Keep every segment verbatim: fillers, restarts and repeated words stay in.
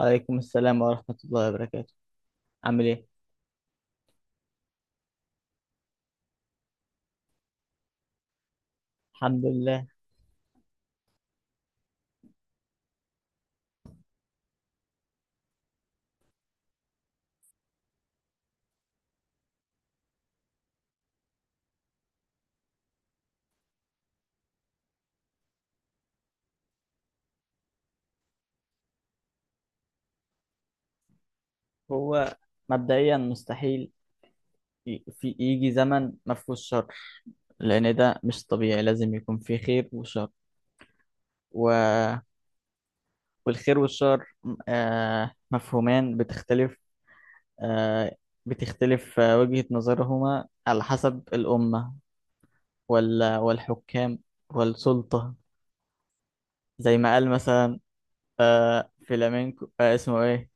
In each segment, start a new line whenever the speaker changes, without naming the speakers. عليكم السلام ورحمة الله وبركاته. عامل ايه؟ الحمد لله. هو مبدئيا مستحيل، ي- في يجي زمن ما فيهوش شر، لأن ده مش طبيعي، لازم يكون فيه خير وشر. و... والخير والشر م- آه مفهومان بتختلف آه بتختلف، آه، وجهة نظرهما على حسب الأمة وال... والحكام والسلطة. زي ما قال مثلا آه فلامينكو، آه اسمه ايه؟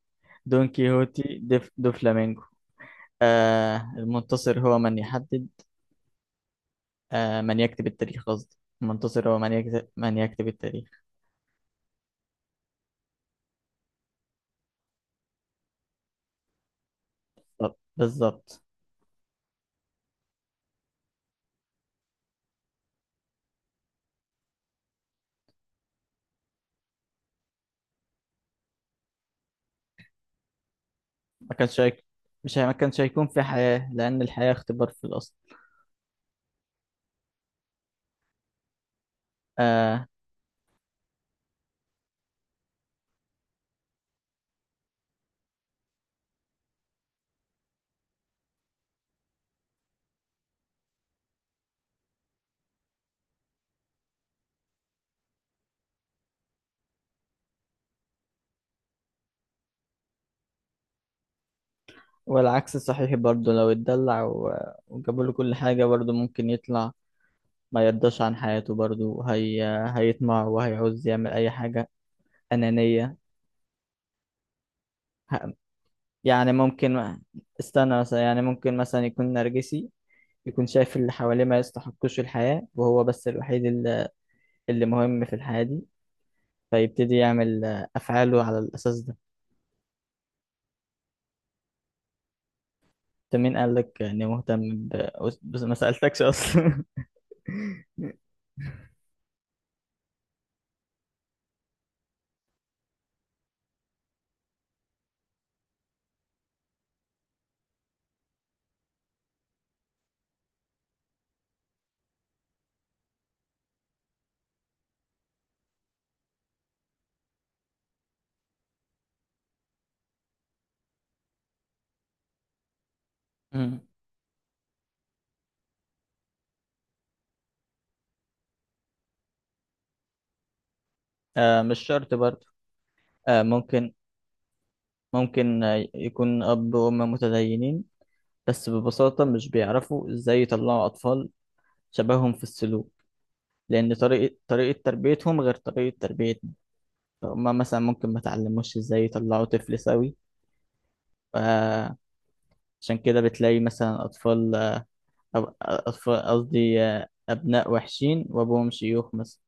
دون كيهوتي دف... دو فلامينكو. آه المنتصر هو من يحدد، آه من يكتب التاريخ، قصدي المنتصر هو من يكتب من يكتب التاريخ. طب بالظبط. ما كانش هيك... مش هي... ما كانش هيكون في حياة، لأن الحياة اختبار في الأصل. آه. والعكس صحيح برضه، لو اتدلع و... وجابوا له كل حاجة برضه ممكن يطلع ما يرضاش عن حياته برضه، هي... هيطمع وهيعوز يعمل أي حاجة. أنانية. ه- يعني ممكن. استنى، مثلا يعني ممكن مثلا يكون نرجسي، يكون شايف اللي حواليه ما يستحقوش الحياة وهو بس الوحيد اللي اللي مهم في الحياة دي، فيبتدي يعمل آه، أفعاله على الأساس ده. أنت مين قال لك إني مهتم؟ ب... بس ما سألتكش أصلا. مم. آه، مش شرط برضه. آه، ممكن. ممكن آه، يكون أب وأم متدينين، بس ببساطة مش بيعرفوا إزاي يطلعوا أطفال شبههم في السلوك، لأن طريقة طريقة تربيتهم غير طريقة تربيتنا. فهم مثلا ممكن ما تعلموش إزاي يطلعوا طفل سوي، عشان كده بتلاقي مثلا أطفال، أو- أطفال قصدي آه، أبناء وحشين وأبوهم شيوخ مثلا.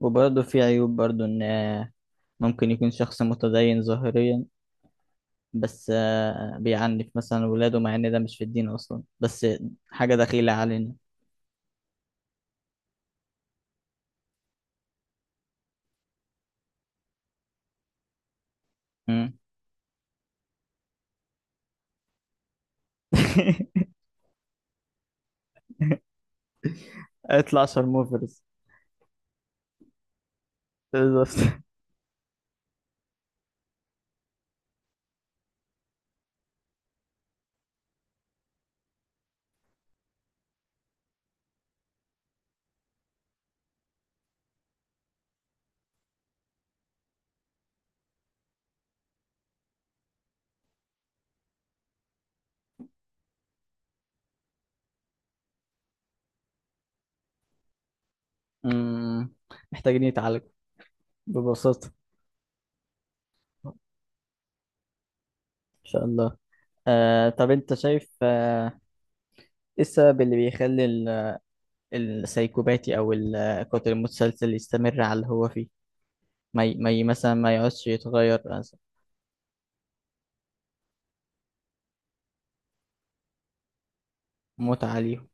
وبرضه في عيوب برضه، إن آه، ممكن يكون شخص متدين ظاهريا، بس آه، بيعنف مثلا ولاده، مع إن ده مش في الدين أصلا، بس حاجة دخيلة علينا. مم. اطلع شرموفرز. بالظبط. مم. محتاجين يتعالجوا، ببساطة. إن شاء الله. آه، طب أنت شايف آه، إيه السبب اللي بيخلي السايكوباتي او القاتل المتسلسل يستمر على اللي هو فيه؟ ما ي... ما ي... مثلا ما يقعدش يتغير مثلا؟ متعة ليهم.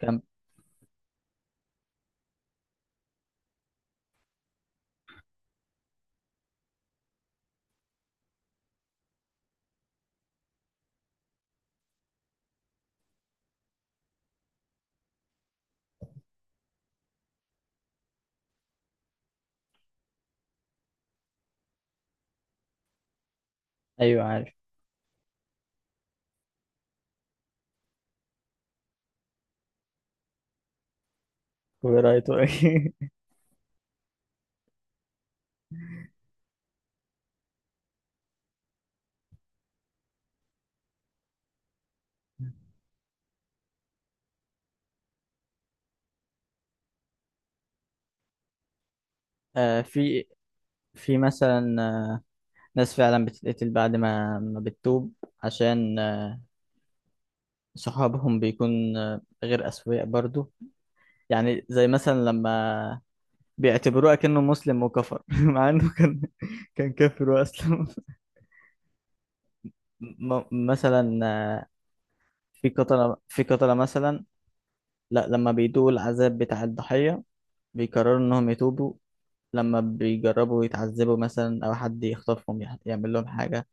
كم. ايوه، عارف. كوبي رايت وإيه. آه في في مثلا آه، ناس فعلا بتتقتل بعد ما ما بتتوب، عشان آه، صحابهم بيكون آه، غير أسوياء برضو. يعني زي مثلا لما بيعتبروه كأنه مسلم وكفر مع انه كان كان كافر واسلم. م- مثلا آه، في قتلة في قتلة مثلا. لا، لما بيدوقوا العذاب بتاع الضحية بيقرروا إنهم يتوبوا، لما بيجربوا يتعذبوا مثلا أو حد يخطفهم يح- يعمل لهم حاجة.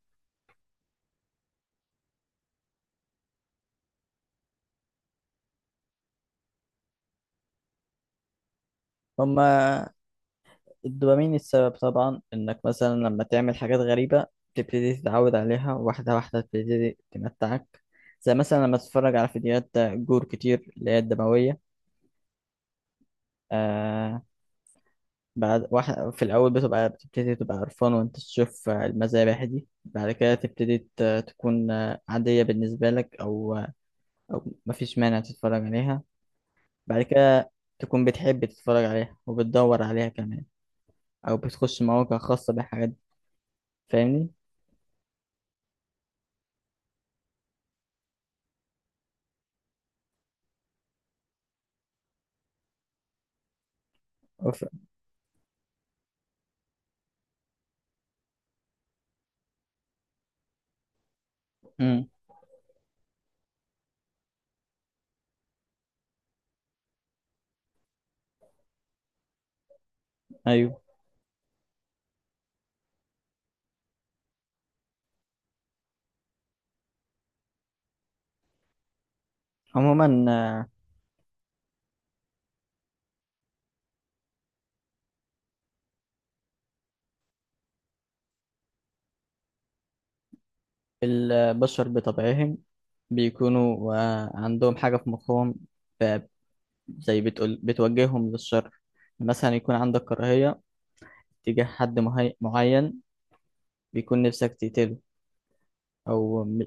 هما الدوبامين السبب طبعا، إنك مثلا لما تعمل حاجات غريبة تبتدي تتعود عليها واحدة واحدة، تبتدي تمتعك. زي مثلا لما تتفرج على فيديوهات جور كتير اللي هي الدموية، آه بعد واحد في الأول بتبقى بتبتدي تبقى قرفان وأنت تشوف المذابح دي، بعد كده تبتدي ت- تكون عادية بالنسبة لك، أو أو مفيش مانع تتفرج عليها، بعد كده تكون بتحب تتفرج عليها وبتدور عليها كمان، أو بتخش مواقع خاصة بالحاجات دي. فاهمني؟ وف... مم. أيوه. عموما آه، البشر بطبعهم بيكونوا آه، عندهم حاجة في مخهم، ف- زي بتقول بتوجههم للشر. مثلا يكون عندك كراهية تجاه حد مهي... معين، بيكون نفسك تقتله، أو م-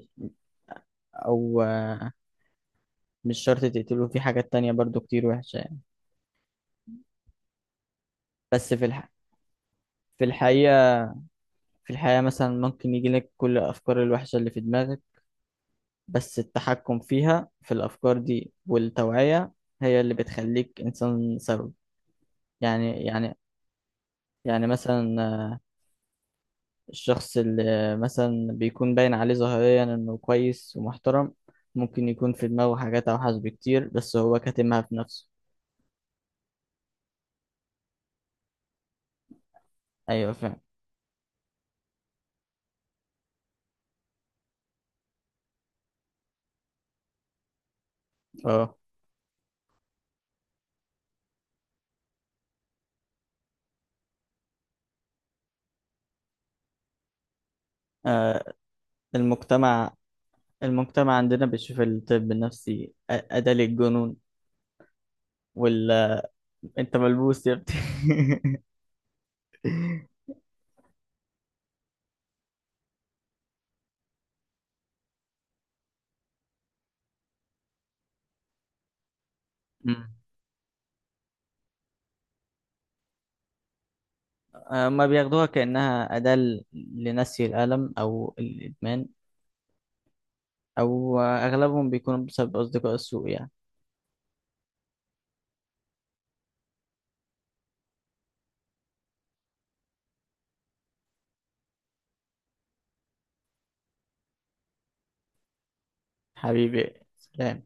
أو آه، مش شرط تقتله، في حاجات تانية برضو كتير وحشة يعني. بس في الح... في الحقيقة في الحقيقة مثلا ممكن يجي لك كل الأفكار الوحشة اللي في دماغك، بس التحكم فيها في الأفكار دي والتوعية هي اللي بتخليك إنسان سوي. يعني يعني يعني مثلا آه، الشخص اللي مثلا بيكون باين عليه ظاهريا إنه كويس ومحترم، ممكن يكون في دماغه حاجات أوحش بكتير بس هو كاتمها في نفسه. أيوة، فاهم. أه. آه، المجتمع المجتمع عندنا بيشوف الطب النفسي أ- أداة للجنون، وال انت ملبوس يا ابني. مم. ما بياخدوها كأنها أداة ل- لنسي الألم أو الإدمان، أو أغلبهم بيكونوا بسبب أصدقاء السوء يعني. حبيبي. سلام.